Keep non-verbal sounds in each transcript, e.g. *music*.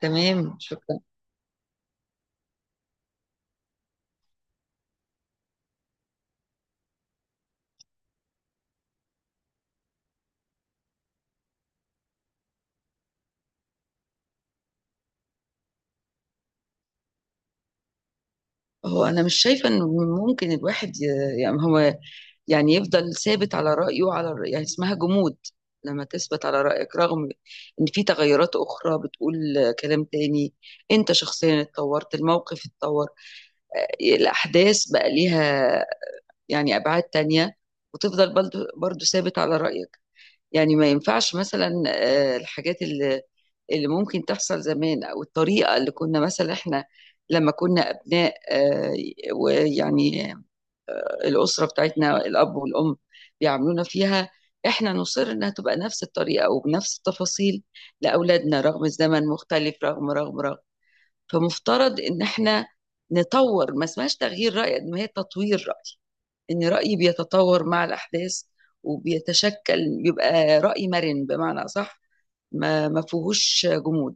تمام، شكرا. هو انا مش شايفه انه ممكن الواحد يعني هو يعني يفضل ثابت على رايه يعني اسمها جمود. لما تثبت على رايك رغم ان في تغيرات اخرى بتقول كلام تاني، انت شخصيا اتطورت، الموقف اتطور، الاحداث بقى ليها يعني ابعاد تانية، وتفضل برضه ثابت على رايك. يعني ما ينفعش مثلا الحاجات اللي ممكن تحصل زمان او الطريقه اللي كنا مثلا احنا لما كنا ابناء ويعني الاسره بتاعتنا، الاب والام بيعاملونا فيها، احنا نصر انها تبقى نفس الطريقه وبنفس التفاصيل لاولادنا رغم الزمن مختلف، رغم رغم. فمفترض ان احنا نطور، ما اسمهاش تغيير راي قد ما هي تطوير راي. إن رأيي بيتطور مع الأحداث وبيتشكل، بيبقى رأي مرن بمعنى أصح، ما فيهوش جمود.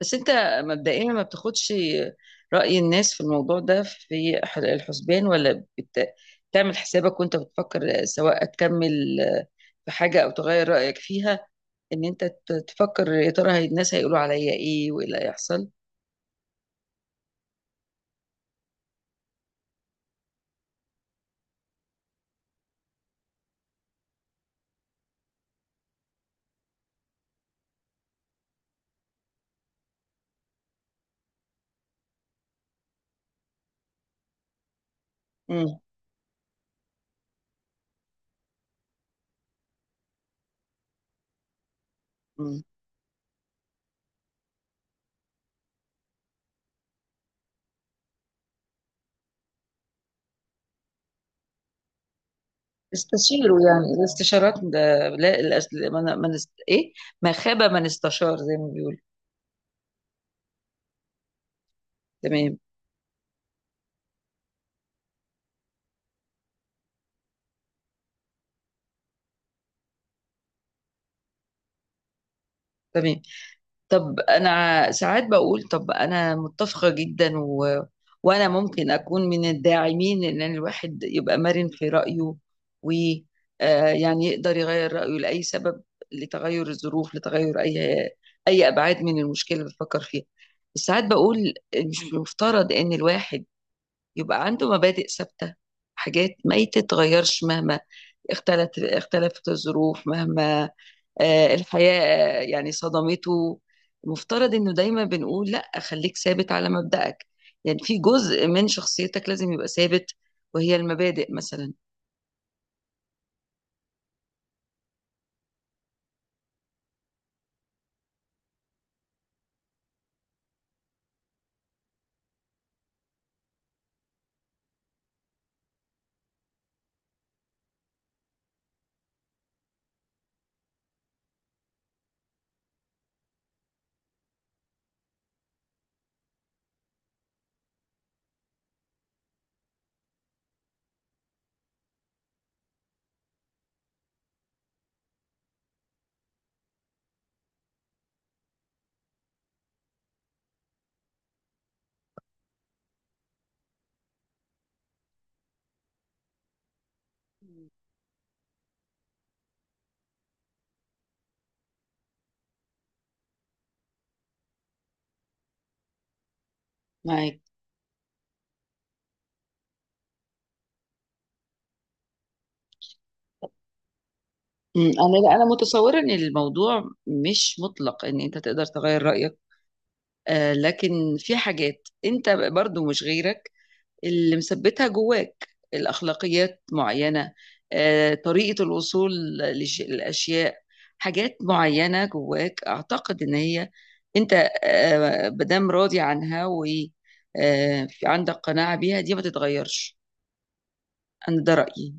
بس أنت مبدئيا ما بتاخدش رأي الناس في الموضوع ده في الحسبان، ولا تعمل حسابك وأنت بتفكر سواء هتكمل في حاجة أو تغير رأيك فيها؟ إن أنت تفكر يا ترى الناس هيقولوا عليا إيه وإيه اللي هيحصل. مم. مم. استشيروا، يعني الاستشارات ده لا الأس... من... من است... ايه، ما خاب من استشار زي ما بيقول. تمام. تمام. طب انا ساعات بقول، طب انا متفقة جدا وانا ممكن اكون من الداعمين ان الواحد يبقى مرن في رأيه و يعني يقدر يغير رأيه لأي سبب، لتغير الظروف، لتغير اي ابعاد من المشكلة اللي بفكر فيها. بس ساعات بقول مش مفترض ان الواحد يبقى عنده مبادئ ثابتة، حاجات ما تتغيرش مهما اختلفت الظروف، مهما الحياة يعني صدمته. مفترض انه دايما بنقول لا، خليك ثابت على مبدأك، يعني في جزء من شخصيتك لازم يبقى ثابت، وهي المبادئ مثلا. معاك. أمم، انا لا، انا متصوره ان الموضوع مش مطلق ان انت تقدر تغير رايك، آه، لكن في حاجات انت برضو مش غيرك اللي مثبتها جواك، الأخلاقيات معينة، طريقة الوصول للأشياء، حاجات معينة جواك أعتقد إن هي أنت مادام راضي عنها وعندك قناعة بيها دي ما تتغيرش. أنا ده رأيي.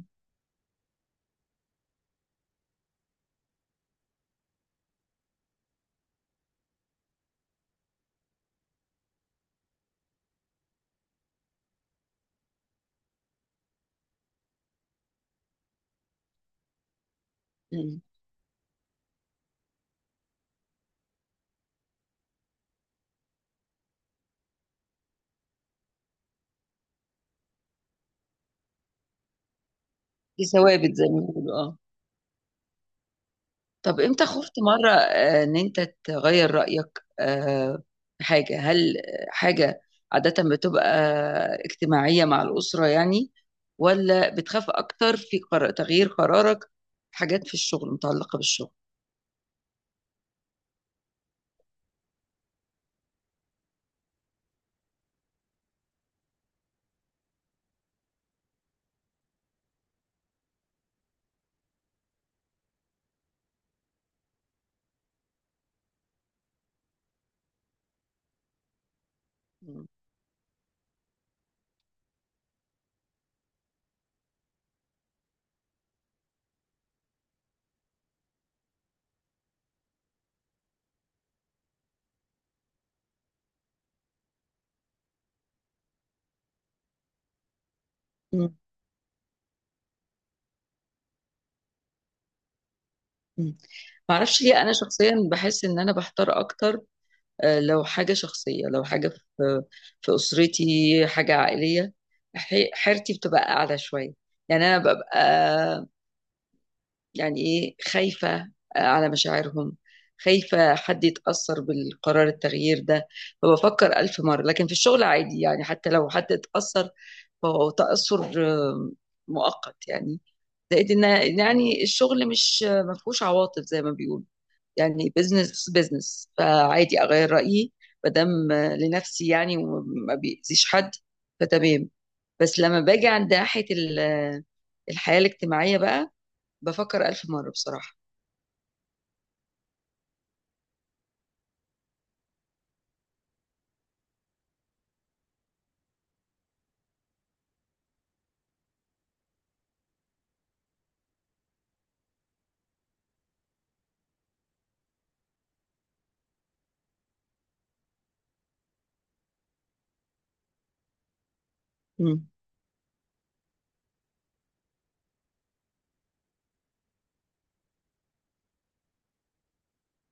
مم. دي ثوابت زي ما بيقولوا، آه. طب امتى خفت مرة ان انت تغير رأيك، في حاجة؟ هل حاجة عادة بتبقى اجتماعية مع الأسرة يعني، ولا بتخاف أكتر في قرار تغيير قرارك في حاجات في الشغل، متعلقة بالشغل؟ مم. مم. مم. معرفش ليه، أنا شخصيا بحس إن أنا بحتار أكتر لو حاجة شخصية، لو حاجة في في أسرتي، حاجة عائلية، حيرتي بتبقى أعلى شوية. يعني أنا ببقى يعني إيه، خايفة على مشاعرهم، خايفة حد يتأثر بالقرار التغيير ده، فبفكر ألف مرة. لكن في الشغل عادي، يعني حتى لو حد اتأثر فهو تأثر آه، مؤقت يعني، زائد إن يعني الشغل مش ما فيهوش عواطف زي ما بيقولوا، يعني بزنس بزنس، فعادي أغير رأيي ما دام لنفسي يعني وما بيأذيش حد، فتمام. بس لما باجي عند ناحية الحياة الاجتماعية بقى، بفكر ألف مرة بصراحة. إمم.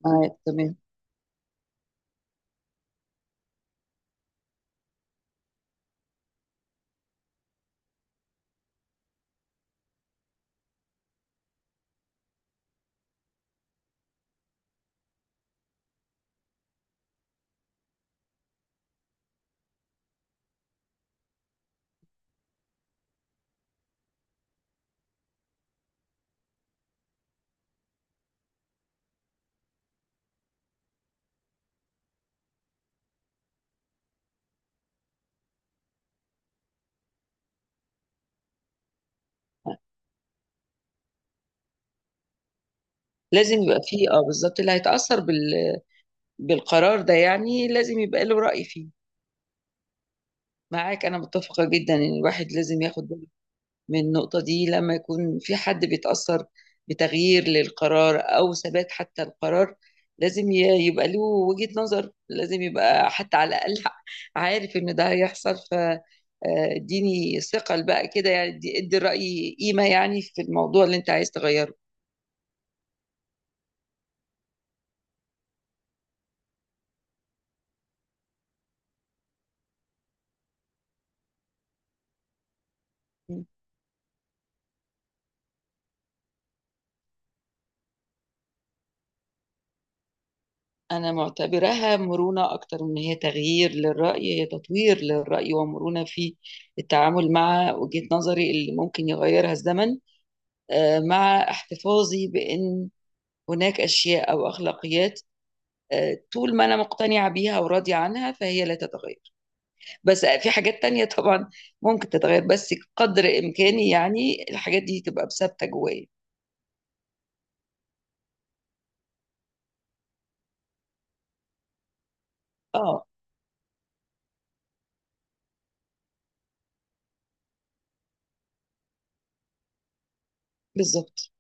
معاك، تمام. لازم يبقى في، آه بالضبط، اللي هيتأثّر بالقرار ده يعني لازم يبقى له رأي فيه. معاك، أنا متّفقة جدًا إن الواحد لازم ياخد باله من النقطة دي، لمّا يكون في حد بيتأثّر بتغيير للقرار أو ثبات حتى القرار، لازم يبقى له وجهة نظر، لازم يبقى حتى على الأقل *laughs* عارف إن ده هيحصل، ف ادّيني ثِقل بقى كده، يعني ادّي الرأي قيمة يعني في الموضوع اللي أنت عايز تغيّره. إمم. أنا معتبراها مرونة أكتر من هي تغيير للرأي، هي تطوير للرأي ومرونة في التعامل مع وجهة نظري اللي ممكن يغيرها الزمن، مع احتفاظي بأن هناك أشياء أو أخلاقيات طول ما أنا مقتنعة بيها وراضية عنها فهي لا تتغير. بس في حاجات تانية طبعا ممكن تتغير، بس قدر إمكاني يعني الحاجات دي تبقى ثابتة جوايا. اه، بالظبط.